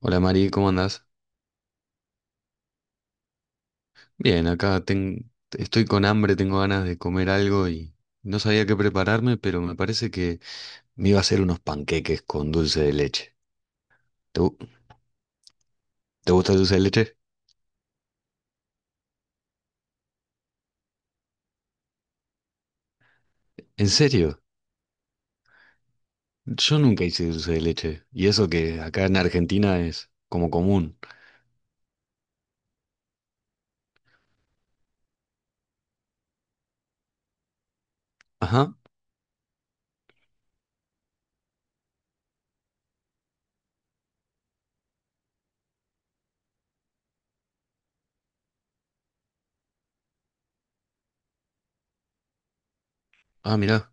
Hola Mari, ¿cómo andás? Bien, estoy con hambre, tengo ganas de comer algo y no sabía qué prepararme, pero me parece que me iba a hacer unos panqueques con dulce de leche. ¿Te, gu- ¿Te gusta el dulce de leche? ¿En serio? Yo nunca hice dulce de leche. Y eso que acá en Argentina es como común. Ajá. Ah, mirá.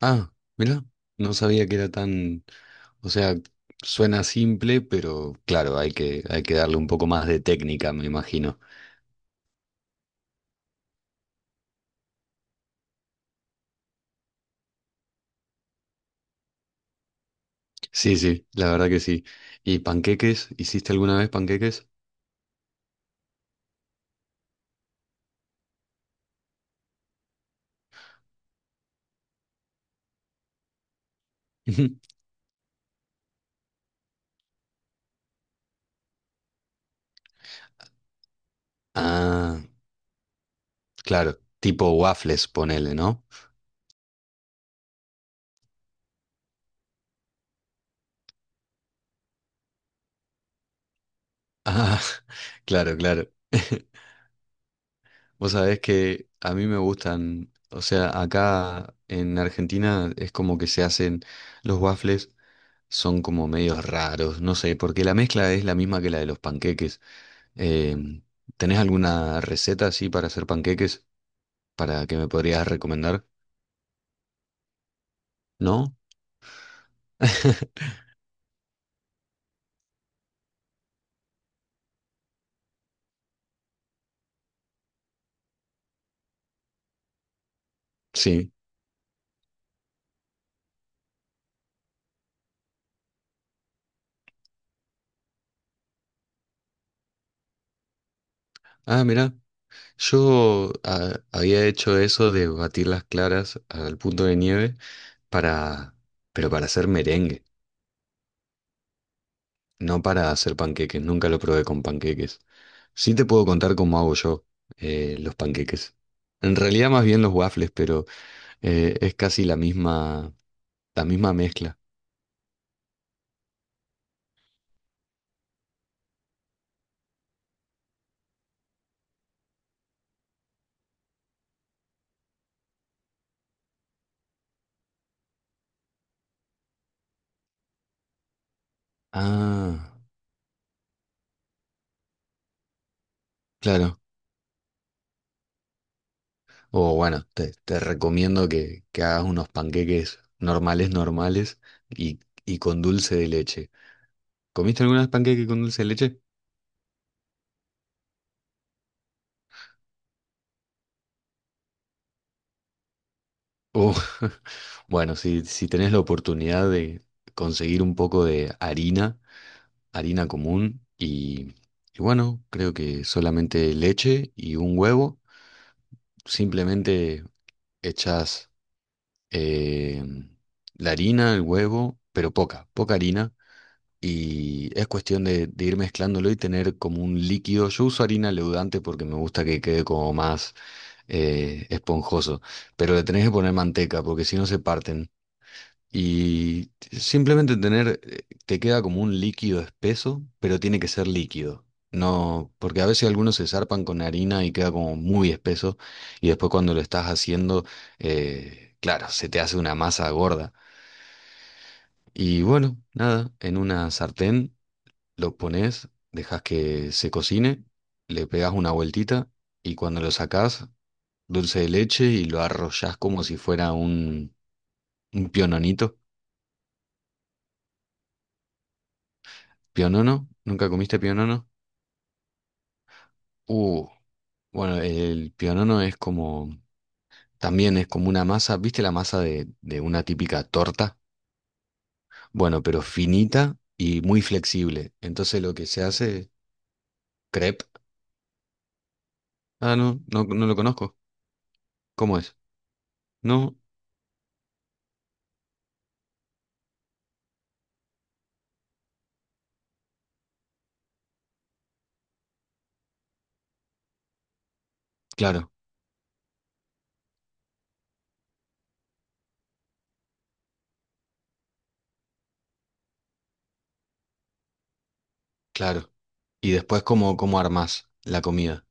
Ah, mirá. No sabía que era tan... O sea, suena simple, pero claro, hay que darle un poco más de técnica, me imagino. Sí, sí, la verdad que sí. ¿Y panqueques? ¿Hiciste alguna vez panqueques? Ujú. Ah, claro, tipo waffles, ponele, ¿no? Ah, claro, claro. Vos sabés que a mí me gustan, o sea, acá en Argentina es como que se hacen los waffles, son como medios raros, no sé, porque la mezcla es la misma que la de los panqueques. Em, ¿Tenés alguna receta así para hacer panqueques para que me podrías recomendar? ¿No? Sí. Ah, mira, yo había hecho eso de batir las claras al punto de nieve para, pero para hacer merengue, no para hacer panqueques. Nunca lo probé con panqueques. Sí te puedo contar cómo hago yo los panqueques. En realidad más bien los waffles, pero es casi la misma mezcla. Ah, claro. O bueno, te recomiendo que hagas unos panqueques normales, normales y, y con dulce de leche. ¿Comiste algunas panqueques con dulce de leche? Uh, bueno, si, si tenés la oportunidad de conseguir un poco de harina, harina común, y bueno, creo que solamente leche y un huevo, simplemente echás eh, la harina, el huevo, pero poca, poca harina, y es cuestión de ir mezclándolo y tener como un líquido. Yo uso harina leudante porque me gusta que quede como más esponjoso, pero le tenés que poner manteca porque si no se parten. Y simplemente tener, te queda como un líquido espeso, pero tiene que ser líquido. No, porque a veces algunos se zarpan con harina y queda como muy espeso y después cuando lo estás haciendo, claro, se te hace una masa gorda. Y bueno, nada, en una sartén lo pones, dejas que se cocine, le pegas una vueltita y cuando lo sacás dulce de leche y lo arrollás como si fuera un piononito. ¿Pionono? ¿Nunca comiste pionono? Uh, bueno, el pionono es como, también es como una masa, ¿viste la masa de una típica torta? Bueno, pero finita y muy flexible. Entonces lo que se hace, crepe. Ah, no, no, no lo conozco. ¿Cómo es? No, claro, claro. Y después, ¿cómo, cómo armás la comida?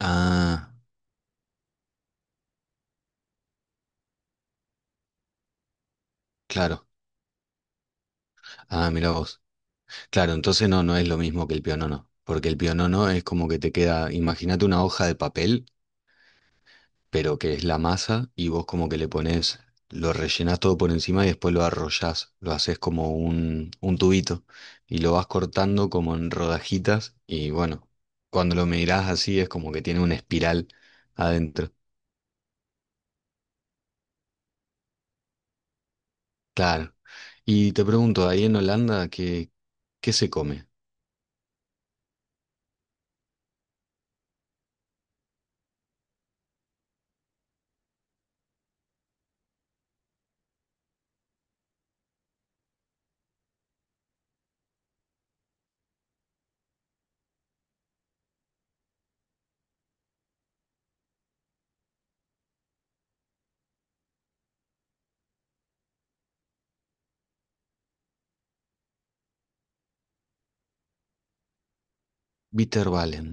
Ah, claro. Ah, mira vos. Claro, entonces no, no es lo mismo que el pionono, porque el pionono es como que te queda, imagínate una hoja de papel, pero que es la masa y vos como que le pones, lo rellenás todo por encima y después lo arrollás, lo haces como un tubito y lo vas cortando como en rodajitas y bueno, cuando lo mirás así es como que tiene una espiral adentro. Claro. Y te pregunto, ahí en Holanda, ¿qué, qué se come? Bitterballen.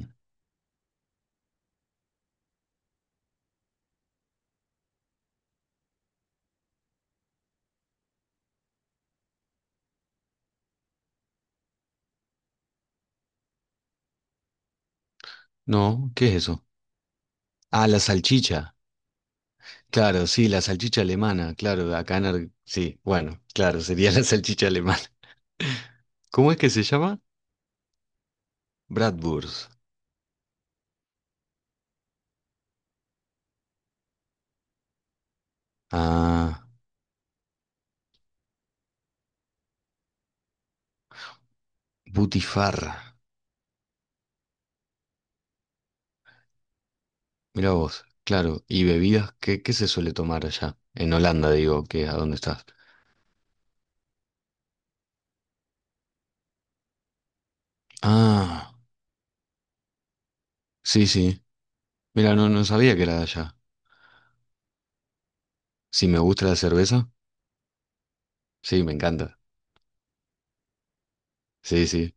No, ¿qué es eso? Ah, la salchicha. Claro, sí, la salchicha alemana, claro, sí, bueno, claro, sería la salchicha alemana. ¿Cómo es que se llama? Bratwurst. Ah, butifarra. Mira vos, claro. ¿Y bebidas? ¿Qué, qué se suele tomar allá? En Holanda, digo, que a dónde estás. Ah, sí, sí. Mira, no, no sabía que era de allá. Sí, me gusta la cerveza. Sí, me encanta. Sí, sí.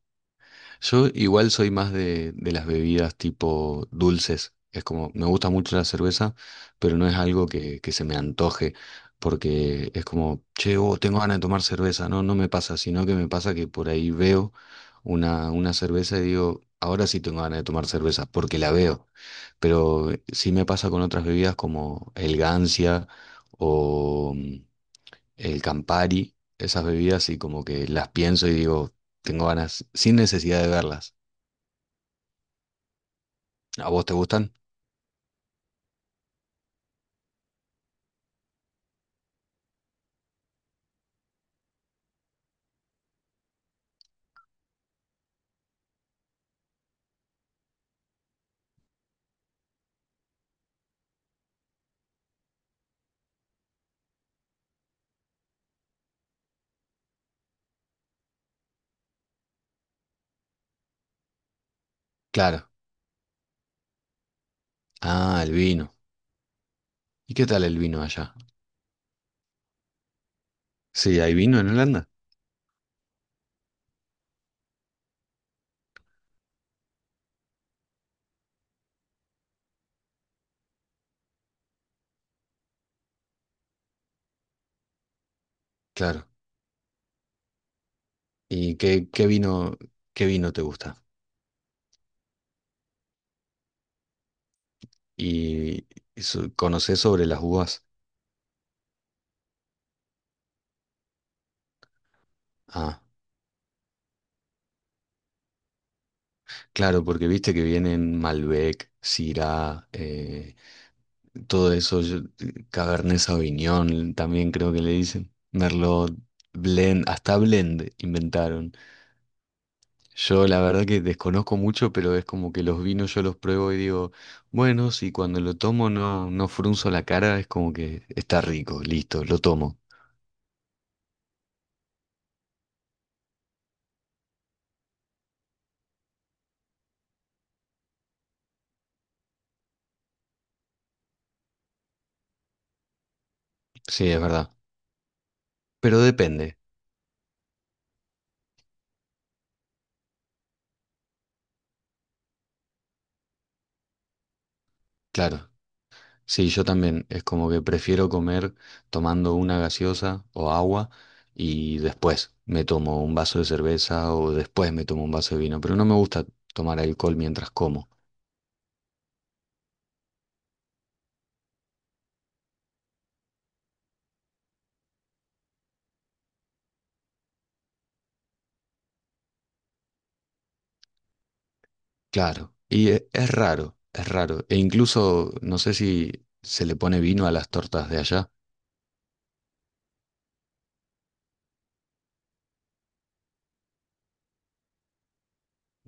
Yo igual soy más de las bebidas tipo dulces. Es como, me gusta mucho la cerveza, pero no es algo que se me antoje, porque es como, che, oh, tengo ganas de tomar cerveza. No, no me pasa, sino que me pasa que por ahí veo una cerveza y digo, ahora sí tengo ganas de tomar cerveza, porque la veo. Pero sí me pasa con otras bebidas como el Gancia o el Campari, esas bebidas y como que las pienso y digo, tengo ganas, sin necesidad de verlas. ¿A vos te gustan? Claro. Ah, el vino. ¿Y qué tal el vino allá? Sí, ¿hay vino en Holanda? Claro. ¿Y qué qué vino te gusta? ¿Y eso- conocés sobre las uvas? Ah, claro, porque viste que vienen Malbec, Syrah, todo eso, yo- Cabernet Sauvignon, también creo que le dicen. Merlot, Blend, hasta Blend inventaron. Yo la verdad que desconozco mucho, pero es como que los vinos yo los pruebo y digo, bueno, si cuando lo tomo no, no frunzo la cara, es como que está rico, listo, lo tomo. Sí, es verdad. Pero depende, claro. Sí, yo también, es como que prefiero comer tomando una gaseosa o agua y después me tomo un vaso de cerveza o después me tomo un vaso de vino, pero no me gusta tomar alcohol mientras como. Claro, y e- es raro, es raro. E incluso no sé si se le pone vino a las tortas de allá.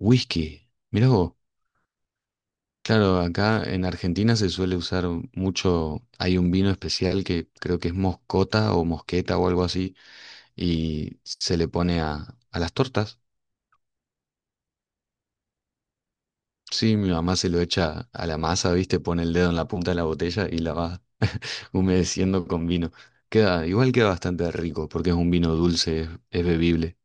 Whisky, mirá vos. Claro, acá en Argentina se suele usar mucho, hay un vino especial que creo que es moscota o mosqueta o algo así, y se le pone a las tortas. Sí, mi mamá se lo echa a la masa, ¿viste? Pone el dedo en la punta de la botella y la va humedeciendo con vino. Queda, igual queda bastante rico porque es un vino dulce, es bebible.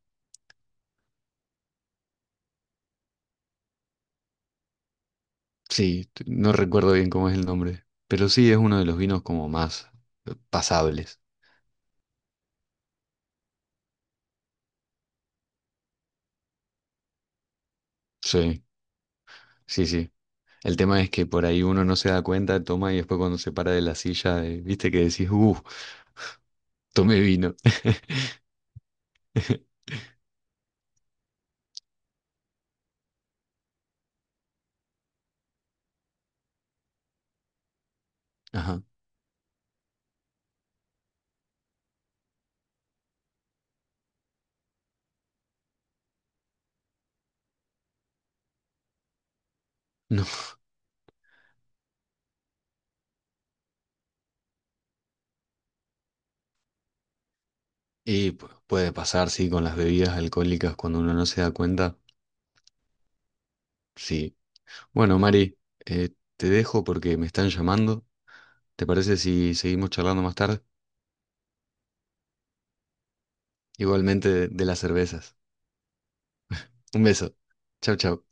Sí, t- no recuerdo bien cómo es el nombre, pero sí es uno de los vinos como más pasables. Sí, sí, sí. El tema es que por ahí uno no se da cuenta, toma y después cuando se para de la silla, viste que decís, tomé vino. Ajá. No. Y pu- puede pasar, sí, con las bebidas alcohólicas cuando uno no se da cuenta. Sí. Bueno, Mari, te dejo porque me están llamando. ¿Te parece si seguimos charlando más tarde? Igualmente de las cervezas. Un beso. Chau, chau.